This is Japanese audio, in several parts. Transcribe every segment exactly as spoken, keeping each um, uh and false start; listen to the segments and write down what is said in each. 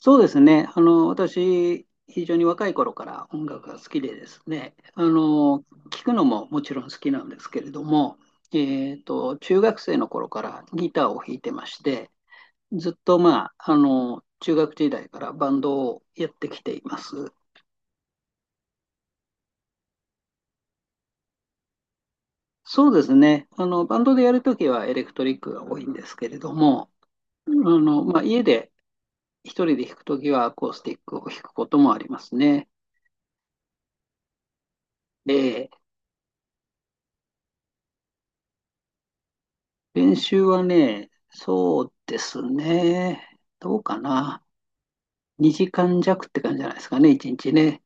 そうですね。あの、私、非常に若い頃から音楽が好きでですね、あの、聴くのももちろん好きなんですけれども、えっと、中学生の頃からギターを弾いてまして、ずっと、まあ、あの、中学時代からバンドをやってきています。そうですね。あの、バンドでやるときはエレクトリックが多いんですけれども、あの、まあ、家で一人で弾くときはアコースティックを弾くこともありますね。ええ。練習はね、そうですね。どうかな。にじかん弱って感じじゃないですかね、いちにちね。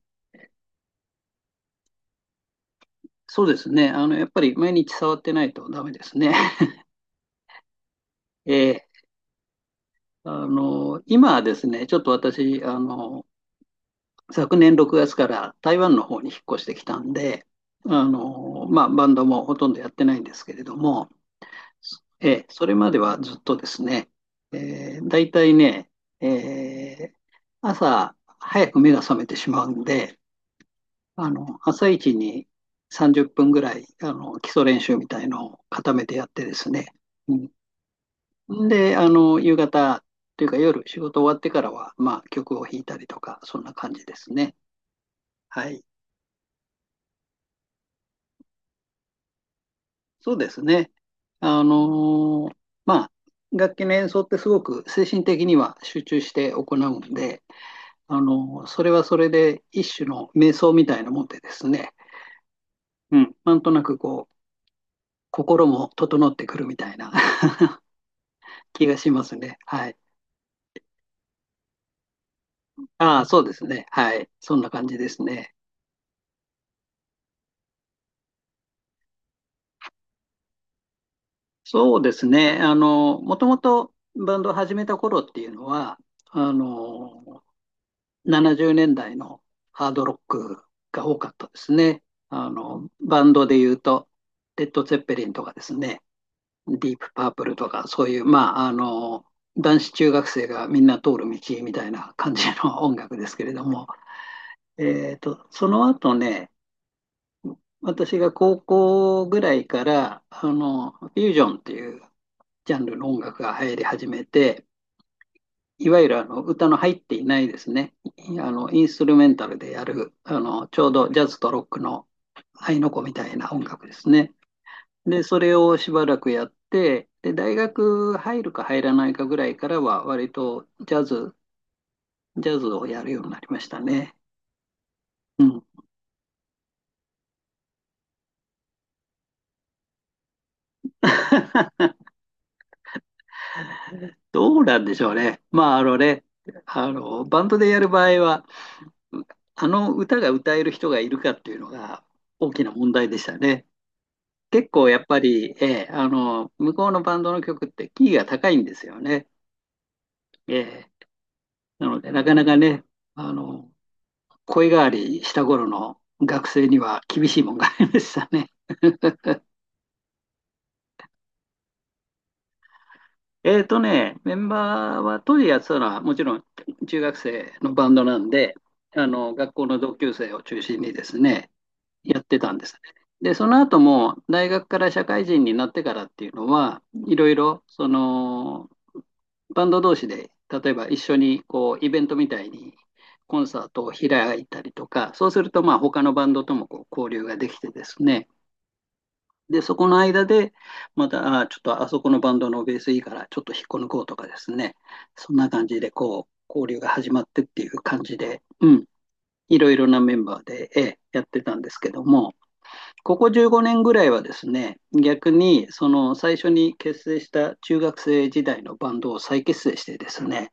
そうですね。あの、やっぱり毎日触ってないとダメですね。ええ。あの、今はですね、ちょっと私、あの、昨年ろくがつから台湾の方に引っ越してきたんで、あの、まあ、バンドもほとんどやってないんですけれども、ええ、それまではずっとですね、えー、大体ね、えー、朝早く目が覚めてしまうんで、あの、朝一にさんじゅっぷんぐらい、あの、基礎練習みたいのを固めてやってですね、うん、で、あの、夕方というか夜仕事終わってからは、まあ、曲を弾いたりとか、そんな感じですね。はい。そうですね。あのーまあ、楽器の演奏ってすごく精神的には集中して行うんで、あの、それはそれで一種の瞑想みたいなもんでですね、うん、なんとなくこう、心も整ってくるみたいな 気がしますね。はい。ああ、そうですね。はい。そんな感じですね。そうですね。あの、もともとバンドを始めた頃っていうのは、あの、ななじゅうねんだいのハードロックが多かったですね。あの、バンドで言うと、レッド・ツェッペリンとかですね。ディープパープルとか、そういう、まあ、あの、男子中学生がみんな通る道みたいな感じの音楽ですけれども、えーと、その後ね、私が高校ぐらいから、あの、フュージョンっていうジャンルの音楽が流行り始めて、いわゆるあの歌の入っていないですね、あのインストゥルメンタルでやる、あのちょうどジャズとロックの合いの子みたいな音楽ですね。で、それをしばらくやって、で、大学入るか入らないかぐらいからは、割とジャズ、ジャズをやるようになりましたね。うん。どうなんでしょうね。まあ、あのね、あの、バンドでやる場合は、うあの歌が歌える人がいるかっていうのが大きな問題でしたね。結構やっぱり、ええ、あの、向こうのバンドの曲ってキーが高いんですよね。ええ、なので、なかなかね、あの、声変わりした頃の学生には厳しいもんがありましたね。えっとね、メンバーは当時やってたのはもちろん中学生のバンドなんで、あの学校の同級生を中心にですね、やってたんですね。で、その後も大学から社会人になってからっていうのは、いろいろそのバンド同士で、例えば一緒にこうイベントみたいにコンサートを開いたりとか、そうするとまあ他のバンドともこう交流ができてですね、で、そこの間で、また、あちょっとあそこのバンドのベースいいから、ちょっと引っこ抜こうとかですね、そんな感じで、こう、交流が始まってっていう感じで、うん、いろいろなメンバーで、えやってたんですけども、ここじゅうごねんぐらいはですね、逆に、その最初に結成した中学生時代のバンドを再結成してですね、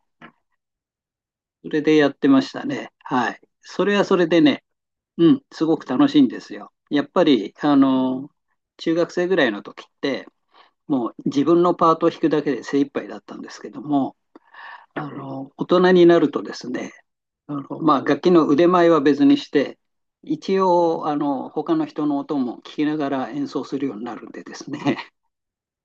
それでやってましたね。はい。それはそれでね、うん、すごく楽しいんですよ。やっぱり、あの、中学生ぐらいの時って、もう自分のパートを弾くだけで精一杯だったんですけども、あの大人になるとですね、あのまあ、楽器の腕前は別にして、一応あの他の人の音も聞きながら演奏するようになるんでですね、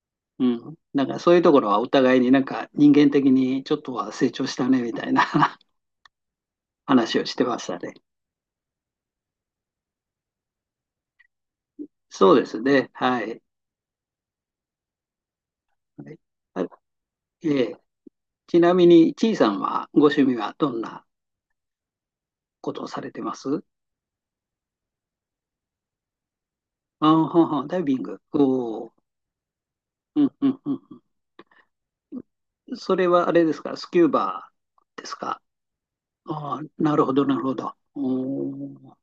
うん、だからそういうところはお互いになんか人間的にちょっとは成長したねみたいな 話をしてましたね。そうですね、はい。はい、ええ。ちなみに、ちいさんはご趣味はどんなことをされてます？あはは、ダイビング。お。うんうんうんうん。それはあれですか、スキューバーですか。ああ、なるほど、なるほど。おー。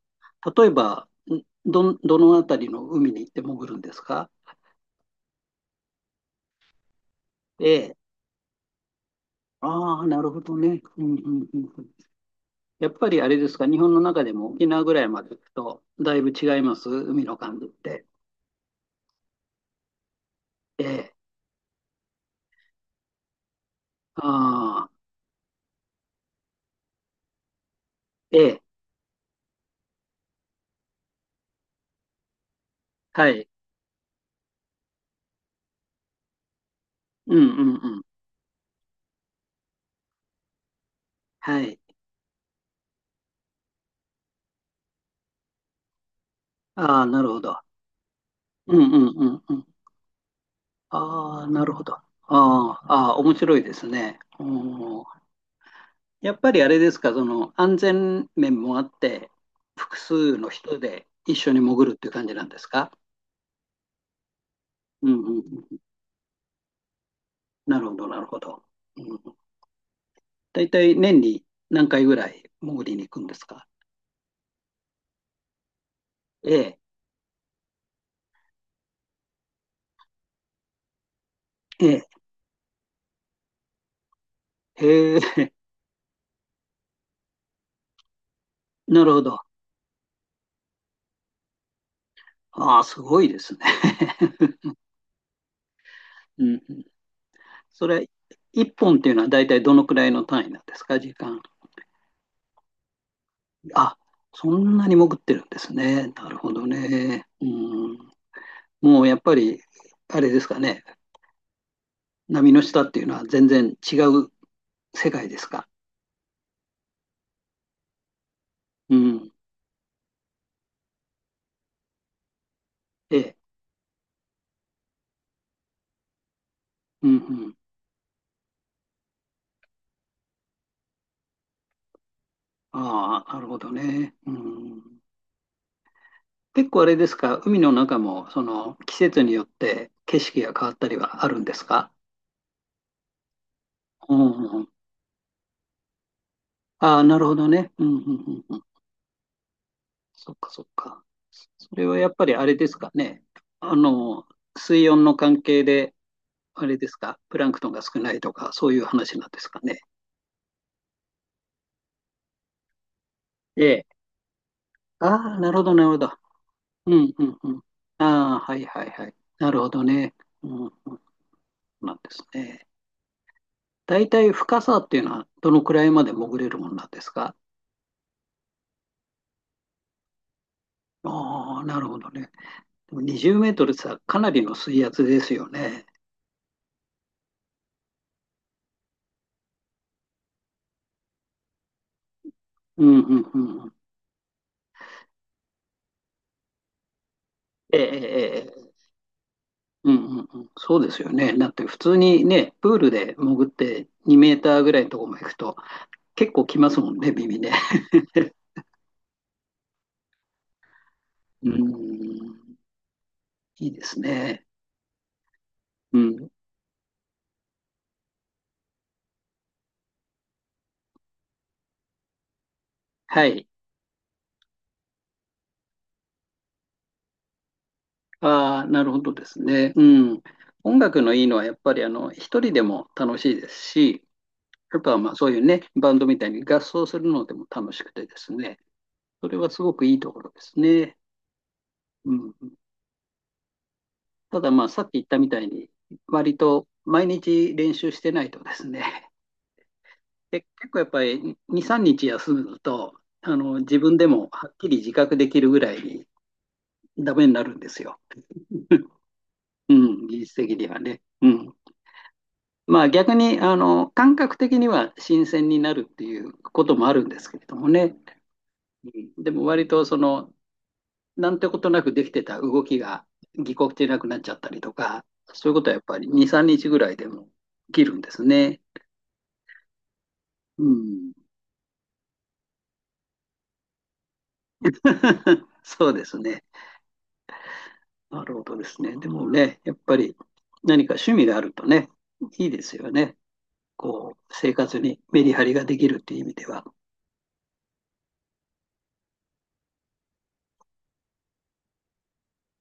例えば、んどん、どのあたりの海に行って潜るんですか？ええ。ああ、なるほどね。うんうんうんうん。やっぱりあれですか、日本の中でも沖縄ぐらいまで行くと、だいぶ違います、海の感じって。ええ。ああ、ええ。はい。うんうんうん。はい。ああ、なるほど。うんうんうんうん。ああ、なるほど。ああ、ああ面白いですね。うん。やっぱりあれですか、その安全面もあって、複数の人で一緒に潜るっていう感じなんですか？うんうんうん。なるほど、なるほど。うん、大体年に何回ぐらい潜りに行くんですか？ええ、ええ、へえ、なるほど。ああ、すごいですね。うんうん、それ、いっぽんっていうのは大体どのくらいの単位なんですか、時間。あ、そんなに潜ってるんですね。なるほどね。うん。もうやっぱり、あれですかね。波の下っていうのは全然違う世界ですか。うん。ええ。うんうん。ああ、なるほどね。うん。結構あれですか。海の中も、その、季節によって景色が変わったりはあるんですか。うんうんうん。ああ、なるほどね。うんうんうんうん。そっかそっか。それはやっぱりあれですかね。あの、水温の関係で、あれですか、プランクトンが少ないとか、そういう話なんですかね。ええ。ああ、なるほど、なるほど。うん、うん、うん。ああ、はい、はい、はい。なるほどね。うん、うん、そうなんですね。大体深さっていうのは、どのくらいまで潜れるものなんですか？ああ、なるほどね。でもにじゅうメートルさ、かなりの水圧ですよね。うん、うん、うんうん。ええ、ええ、ええ。うんうんうん、そうですよね。だって普通にね、プールで潜ってにメーターぐらいのところまで行くと結構来ますもんね、耳ね。うん、いいですね。うん。はい。ああ、なるほどですね。うん。音楽のいいのは、やっぱり、あの、一人でも楽しいですし、やっぱ、まあ、そういうね、バンドみたいに合奏するのでも楽しくてですね、それはすごくいいところですね。うん。ただ、まあ、さっき言ったみたいに、割と毎日練習してないとですね、で、結構やっぱりに、みっか休むと、あの、自分でもはっきり自覚できるぐらいにダメになるんですよ。うん、技術的にはね。うん。まあ逆に、あの、感覚的には新鮮になるっていうこともあるんですけれどもね。うん。でも割とその、なんてことなくできてた動きがぎこちなくなっちゃったりとか、そういうことはやっぱりに、みっかぐらいでも起きるんですね。うん。そうですね。なるほどですね。でもね、やっぱり何か趣味があるとね、いいですよね。こう、生活にメリハリができるっていう意味では。